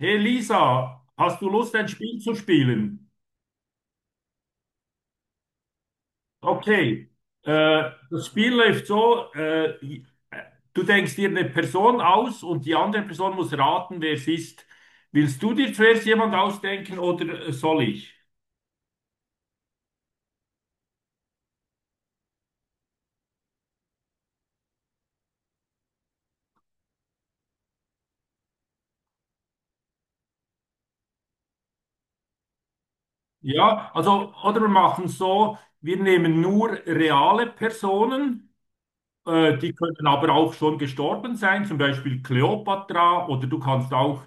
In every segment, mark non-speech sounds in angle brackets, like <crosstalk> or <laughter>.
Hey Lisa, hast du Lust, ein Spiel zu spielen? Okay, äh, das Spiel läuft so, äh, du denkst dir eine Person aus und die andere Person muss raten, wer es ist. Willst du dir zuerst jemand ausdenken oder soll ich? Ja, also, oder wir machen es so, wir nehmen nur reale Personen. Die können aber auch schon gestorben sein, zum Beispiel Kleopatra, oder du kannst auch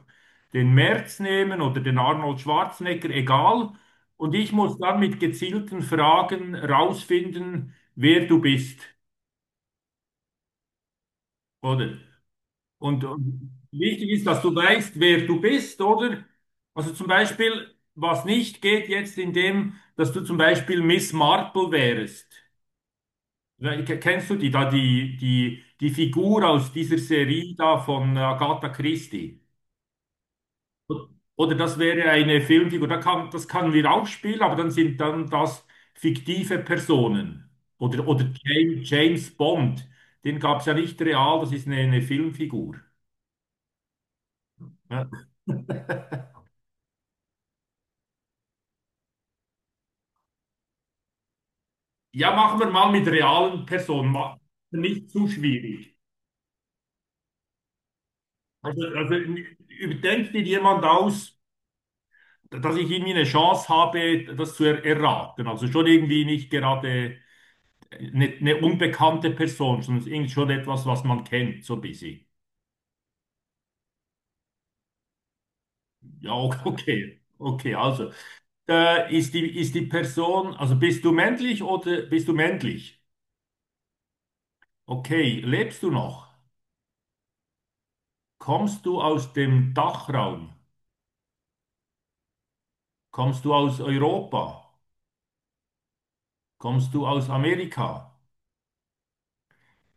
den Merz nehmen oder den Arnold Schwarzenegger, egal. Und ich muss dann mit gezielten Fragen rausfinden, wer du bist, oder? Und, wichtig ist, dass du weißt, wer du bist, oder? Also zum Beispiel, was nicht geht jetzt in dem, dass du zum Beispiel Miss Marple wärst. Ne, kennst du die da, die Figur aus dieser Serie da von Agatha Christie? Oder das wäre eine Filmfigur, das können wir auch spielen, aber dann sind dann das fiktive Personen. Oder James Bond, den gab es ja nicht real, das ist eine Filmfigur. Ja, ja, machen wir mal mit realen Personen, nicht zu schwierig. Also, überdenkt dir jemand aus, dass ich irgendwie eine Chance habe, das zu er erraten. Also schon irgendwie nicht gerade eine unbekannte Person, sondern irgendwie schon etwas, was man kennt, so ein bisschen. Ja, okay. Okay, also ist die Person, also bist du männlich oder bist du männlich? Okay, lebst du noch? Kommst du aus dem Dachraum? Kommst du aus Europa? Kommst du aus Amerika?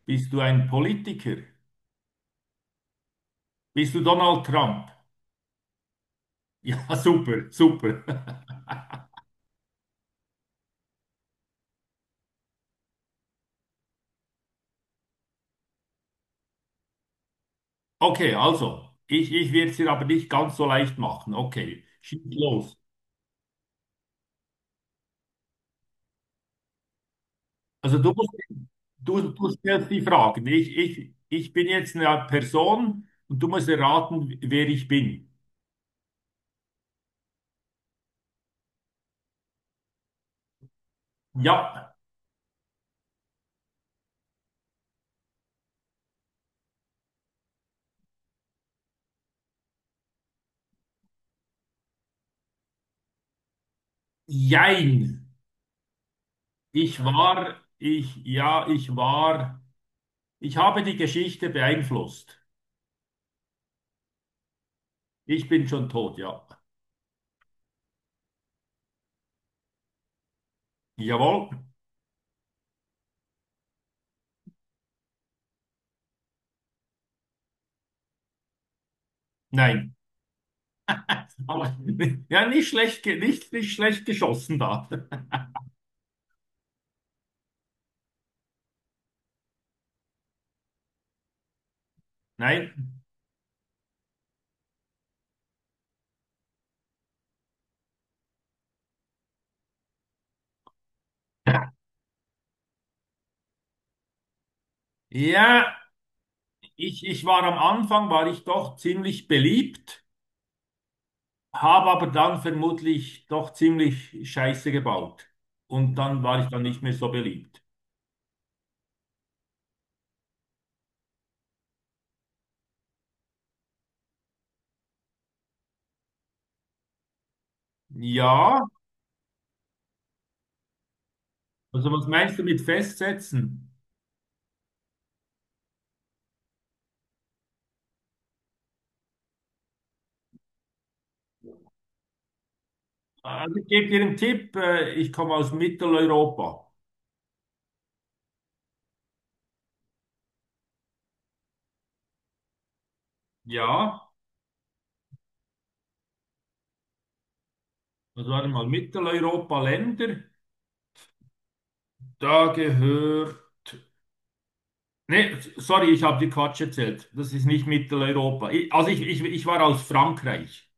Bist du ein Politiker? Bist du Donald Trump? Ja, <laughs> super, super. Okay, also, ich werde es dir aber nicht ganz so leicht machen. Okay, schieß los. Also du musst, du stellst die Fragen. Ich bin jetzt eine Person und du musst erraten, wer ich bin. Ja, jein. Ich war, ich habe die Geschichte beeinflusst. Ich bin schon tot, ja. Jawohl. Nein. Aber, <laughs> ja, nicht schlecht, nicht, nicht schlecht geschossen da. <laughs> Nein. Ja. Ich war am Anfang, war ich doch ziemlich beliebt, habe aber dann vermutlich doch ziemlich Scheiße gebaut. Und dann war ich dann nicht mehr so beliebt. Ja, also was meinst du mit festsetzen? Also ich gebe dir einen Tipp, ich komme aus Mitteleuropa. Ja, also warte mal, Mitteleuropa-Länder, da gehört... Nee, sorry, ich habe dir Quatsch erzählt. Das ist nicht Mitteleuropa. Ich, ich war aus Frankreich.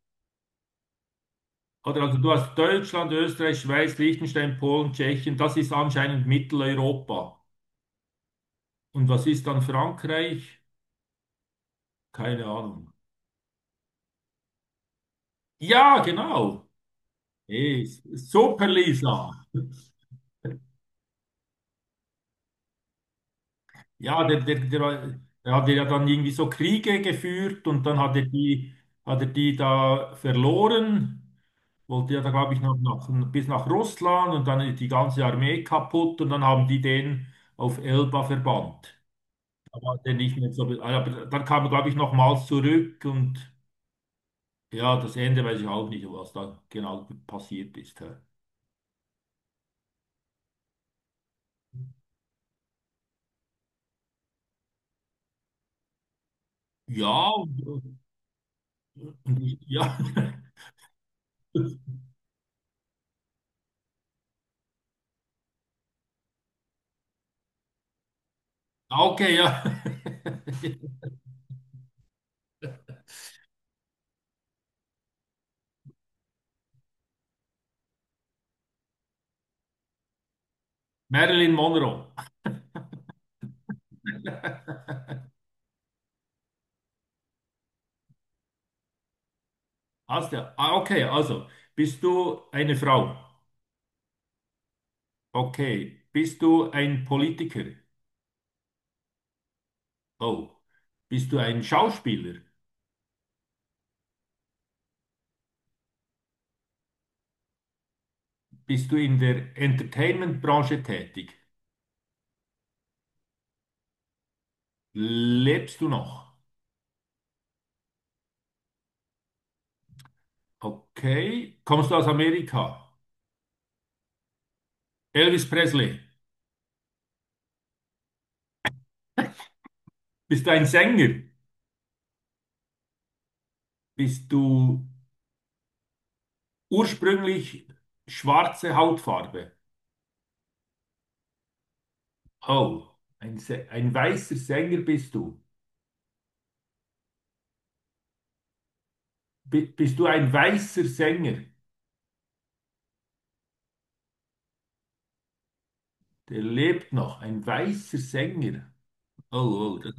Oder also du hast Deutschland, Österreich, Schweiz, Liechtenstein, Polen, Tschechien. Das ist anscheinend Mitteleuropa. Und was ist dann Frankreich? Keine Ahnung. Ja, genau. Eh, super, Lisa. Ja, der hat ja dann irgendwie so Kriege geführt und dann hat er die da verloren. Wollte ja da, glaube ich, noch nach, bis nach Russland, und dann ist die ganze Armee kaputt und dann haben die den auf Elba verbannt. Ja, den ich mir so, ah, aber dann kam, glaube ich, nochmals zurück, und ja, das Ende weiß ich auch nicht, was da genau passiert ist, hä. Ja, und, und ich, ja, <laughs> okay, ja. <laughs> Marilyn Monroe. <laughs> Hast du, ah, okay, also, bist du eine Frau? Okay. Bist du ein Politiker? Oh. Bist du ein Schauspieler? Bist du in der Entertainment-Branche tätig? Lebst du noch? Okay. Kommst du aus Amerika? Elvis Presley. Bist du ein Sänger? Bist du ursprünglich schwarze Hautfarbe? Oh, ein weißer Sänger bist du. Bist du ein weißer Sänger? Der lebt noch. Ein weißer Sänger. Oh, oh, das,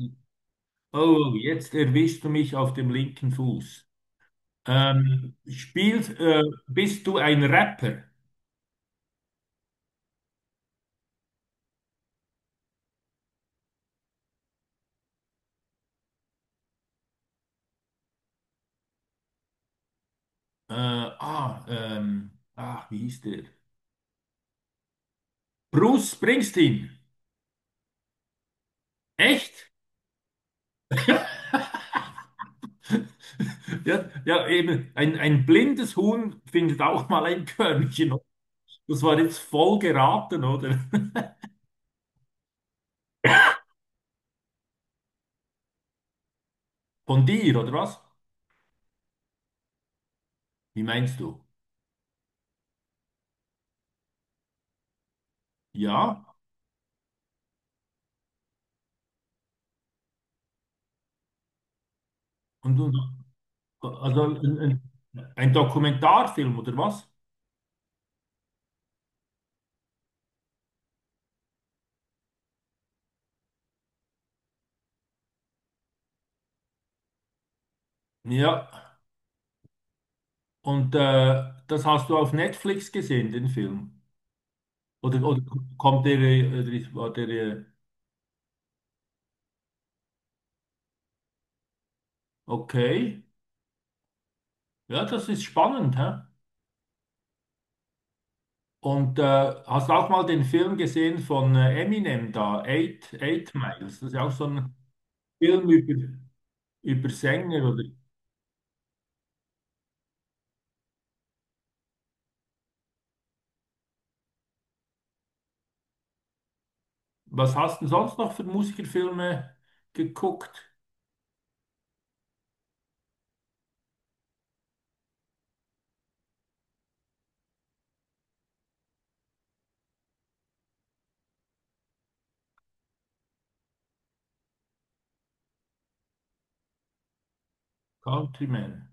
oh, oh, jetzt erwischst du mich auf dem linken Fuß. Ähm, spielst, äh, bist du ein Rapper? Ach, wie hieß der? Bruce Springsteen. Echt? <laughs> Ja, ja, eben, ein blindes Huhn findet auch mal ein Körnchen. Das war jetzt voll geraten, oder? <laughs> Von dir, oder was? Wie meinst du? Ja, und, also ein Dokumentarfilm, oder was? Ja, und das hast du auf Netflix gesehen, den Film? Oder kommt der, oder war der, okay? Ja, das ist spannend, hä? Und hast du auch mal den Film gesehen von Eminem da, Eight Miles? Das ist ja auch so ein Film über, über Sänger, oder? Was hast du sonst noch für Musikerfilme geguckt? Countryman.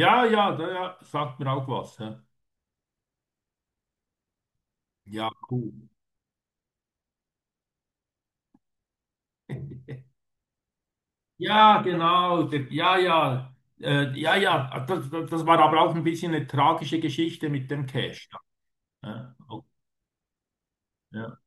Ja, ja, da ja, sagt mir auch was, hä? Ja, cool. <laughs> Ja, genau. Der, ja, ja. Ja, ja. Das, das war aber auch ein bisschen eine tragische Geschichte mit dem Cash. Ja, ja.